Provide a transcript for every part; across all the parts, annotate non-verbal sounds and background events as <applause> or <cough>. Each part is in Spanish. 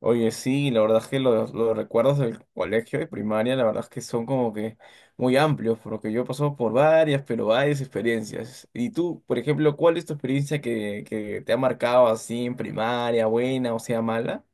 Oye, sí, la verdad es que los recuerdos del colegio y primaria, la verdad es que son como que muy amplios, porque yo he pasado por varias, pero varias experiencias. Y tú, por ejemplo, ¿cuál es tu experiencia que te ha marcado así en primaria, buena o sea mala?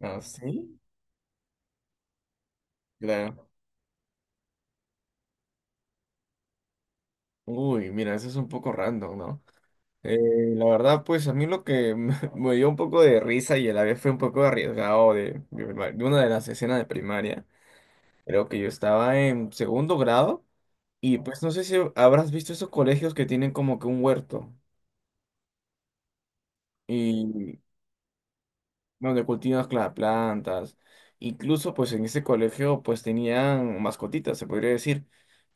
Ah, sí, claro. Uy, mira, eso es un poco random, ¿no? Eh, la verdad, pues a mí lo que <laughs> me dio un poco de risa y a la vez fue un poco arriesgado de una de las escenas de primaria, creo que yo estaba en segundo grado. Y pues no sé si habrás visto esos colegios que tienen como que un huerto y donde cultivan las plantas. Incluso pues en ese colegio pues tenían mascotitas, se podría decir.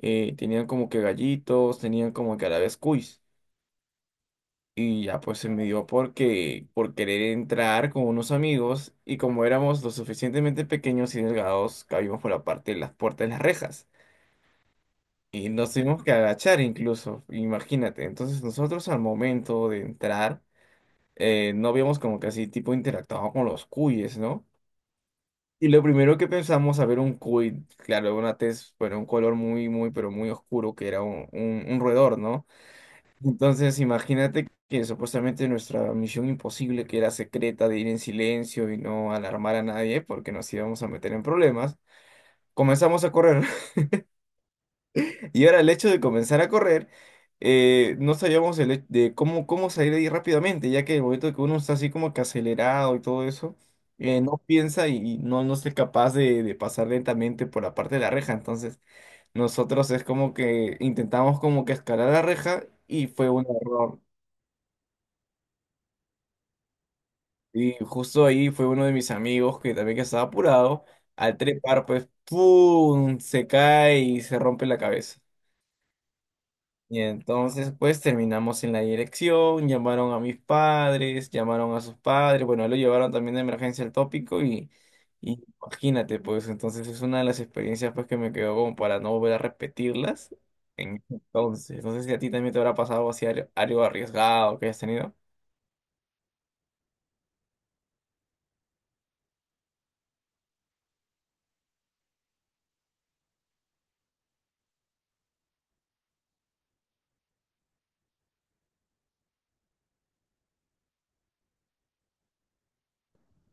Tenían como que gallitos, tenían como que a la vez cuis. Y ya pues se me dio porque por querer entrar con unos amigos y como éramos lo suficientemente pequeños y delgados, cabíamos por la parte de las puertas de las rejas. Y nos tuvimos que agachar incluso, imagínate. Entonces nosotros al momento de entrar no habíamos como que así tipo interactuado con los cuyes, ¿no? Y lo primero que pensamos a ver un cuy, claro, una tez, bueno, un color muy, muy, pero muy oscuro que era un roedor, ¿no? Entonces imagínate que supuestamente nuestra misión imposible, que era secreta de ir en silencio y no alarmar a nadie porque nos íbamos a meter en problemas, comenzamos a correr. Y ahora el hecho de comenzar a correr, no sabíamos de cómo salir de ahí rápidamente, ya que el momento que uno está así como que acelerado y todo eso, no piensa y no, no es capaz de pasar lentamente por la parte de la reja. Entonces, nosotros es como que intentamos como que escalar la reja y fue un error. Y justo ahí fue uno de mis amigos que también que estaba apurado, al trepar pues, ¡pum! Se cae y se rompe la cabeza. Y entonces, pues terminamos en la dirección, llamaron a mis padres, llamaron a sus padres, bueno, lo llevaron también de emergencia al tópico y imagínate, pues entonces es una de las experiencias pues que me quedó como para no volver a repetirlas en ese entonces. No sé si a ti también te habrá pasado algo así algo algo arriesgado que hayas tenido.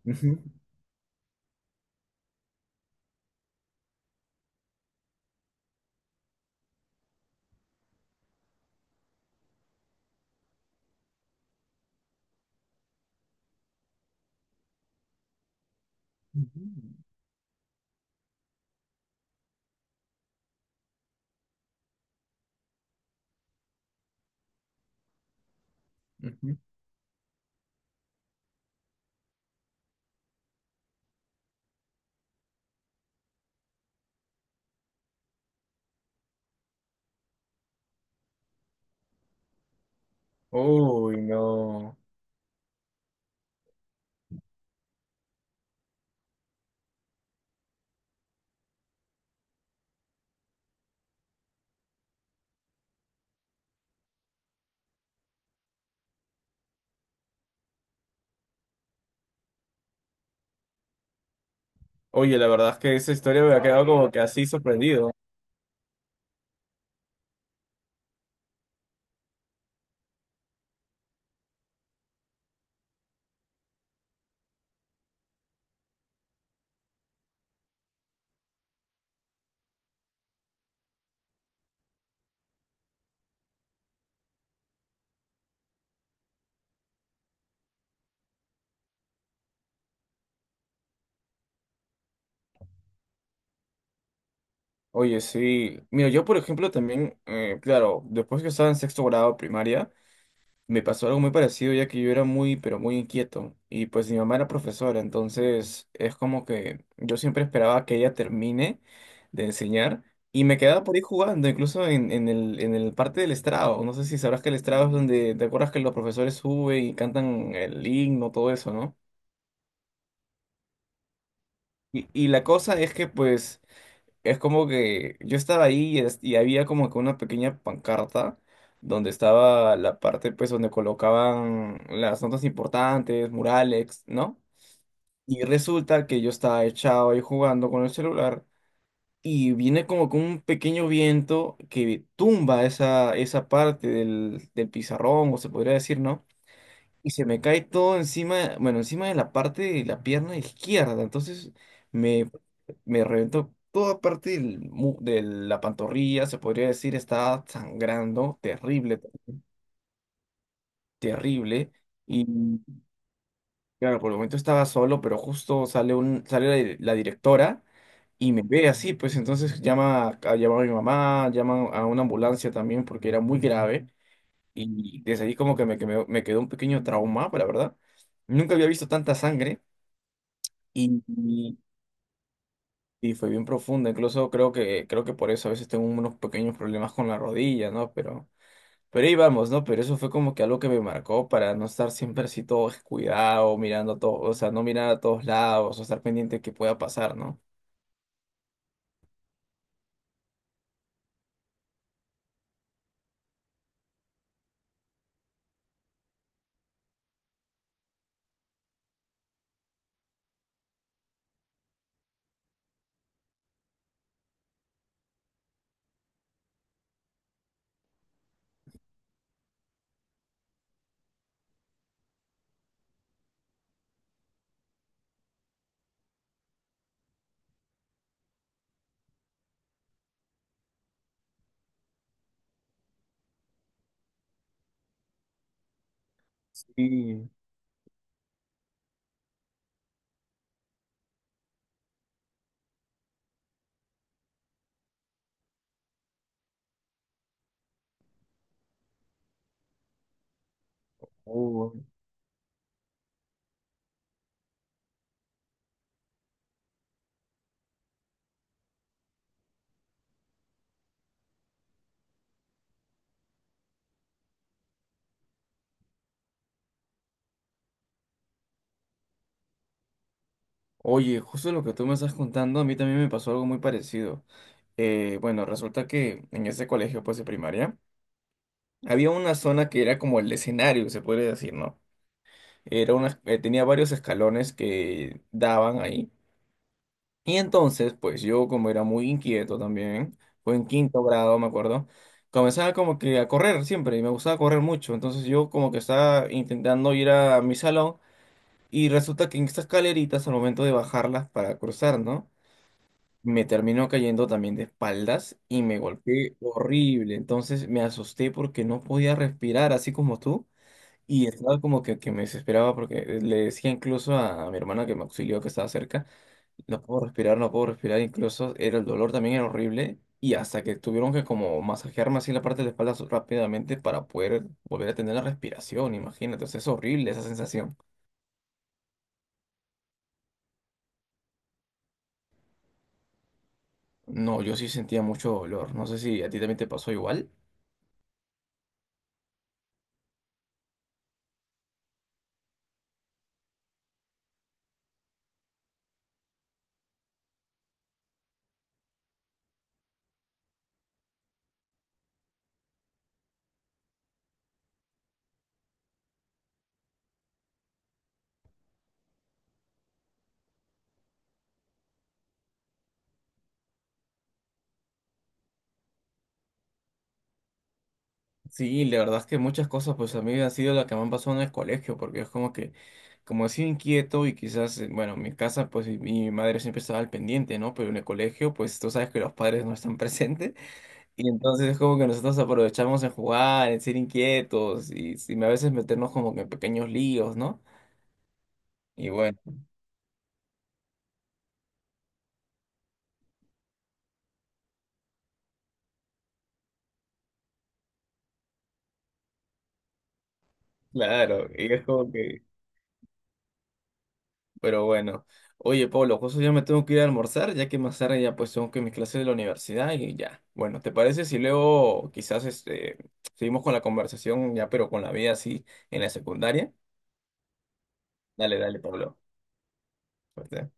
Ujú, ujú, ujú. Uy, no. Oye, la verdad es que esa historia me ha quedado como que así sorprendido. Oye, sí. Mira, yo por ejemplo también, claro, después que estaba en sexto grado primaria, me pasó algo muy parecido ya que yo era muy, pero muy inquieto. Y pues mi mamá era profesora, entonces es como que yo siempre esperaba que ella termine de enseñar y me quedaba por ahí jugando, incluso en el parte del estrado. No sé si sabrás que el estrado es donde, ¿te acuerdas que los profesores suben y cantan el himno, todo eso, ¿no? Y la cosa es que pues... Es como que yo estaba ahí y había como que una pequeña pancarta donde estaba la parte, pues, donde colocaban las notas importantes, murales, ¿no? Y resulta que yo estaba echado ahí jugando con el celular y viene como que un pequeño viento que tumba esa, esa parte del pizarrón, o se podría decir, ¿no? Y se me cae todo encima, bueno, encima de la parte de la pierna izquierda. Entonces me, me reventó toda parte del de la pantorrilla, se podría decir, estaba sangrando, terrible, terrible. Y claro, por el momento estaba solo, pero justo sale sale la la directora. Y me ve así, pues entonces llama a mi mamá, llama a una ambulancia también porque era muy grave. Y desde ahí como que me quedó un pequeño trauma, la verdad. Nunca había visto tanta sangre. Y, y- y fue bien profunda. Incluso creo creo que por eso a veces tengo unos pequeños problemas con la rodilla, ¿no? Pero ahí vamos, ¿no? Pero eso fue como que algo que me marcó para no estar siempre así todo descuidado, mirando a todo, o sea, no mirar a todos lados, o estar pendiente de qué pueda pasar, ¿no? Sí. Oh. Oye, justo lo que tú me estás contando, a mí también me pasó algo muy parecido. Bueno, resulta que en ese colegio, pues de primaria, había una zona que era como el escenario, se puede decir, ¿no? Era una, tenía varios escalones que daban ahí. Y entonces, pues yo como era muy inquieto también, fue en quinto grado, me acuerdo, comenzaba como que a correr siempre y me gustaba correr mucho. Entonces yo como que estaba intentando ir a mi salón y resulta que en estas escaleritas al momento de bajarlas para cruzar, ¿no? Me terminó cayendo también de espaldas y me golpeé horrible. Entonces me asusté porque no podía respirar, así como tú. Y estaba como que me desesperaba porque le decía incluso a mi hermana que me auxilió, que estaba cerca, no puedo respirar, no puedo respirar, incluso era el dolor también era horrible y hasta que tuvieron que como masajearme así la parte de la espalda rápidamente para poder volver a tener la respiración, imagínate, o sea, es horrible esa sensación. No, yo sí sentía mucho dolor, no sé si a ti también te pasó igual. Sí, la verdad es que muchas cosas, pues a mí ha sido la que me han pasado en el colegio, porque es como que, como he sido inquieto y quizás, bueno, en mi casa, pues mi madre siempre estaba al pendiente, ¿no? Pero en el colegio, pues tú sabes que los padres no están <laughs> presentes, y entonces es como que nosotros aprovechamos en jugar, en ser inquietos, y a veces meternos como que en pequeños líos, ¿no? Y bueno, claro, y es como que pero bueno, oye Pablo, justo ya me tengo que ir a almorzar, ya que más tarde ya pues tengo que mis clases de la universidad y ya. Bueno, ¿te parece si luego quizás este, seguimos con la conversación ya, pero con la vida así en la secundaria? Dale, dale, Pablo. Suerte.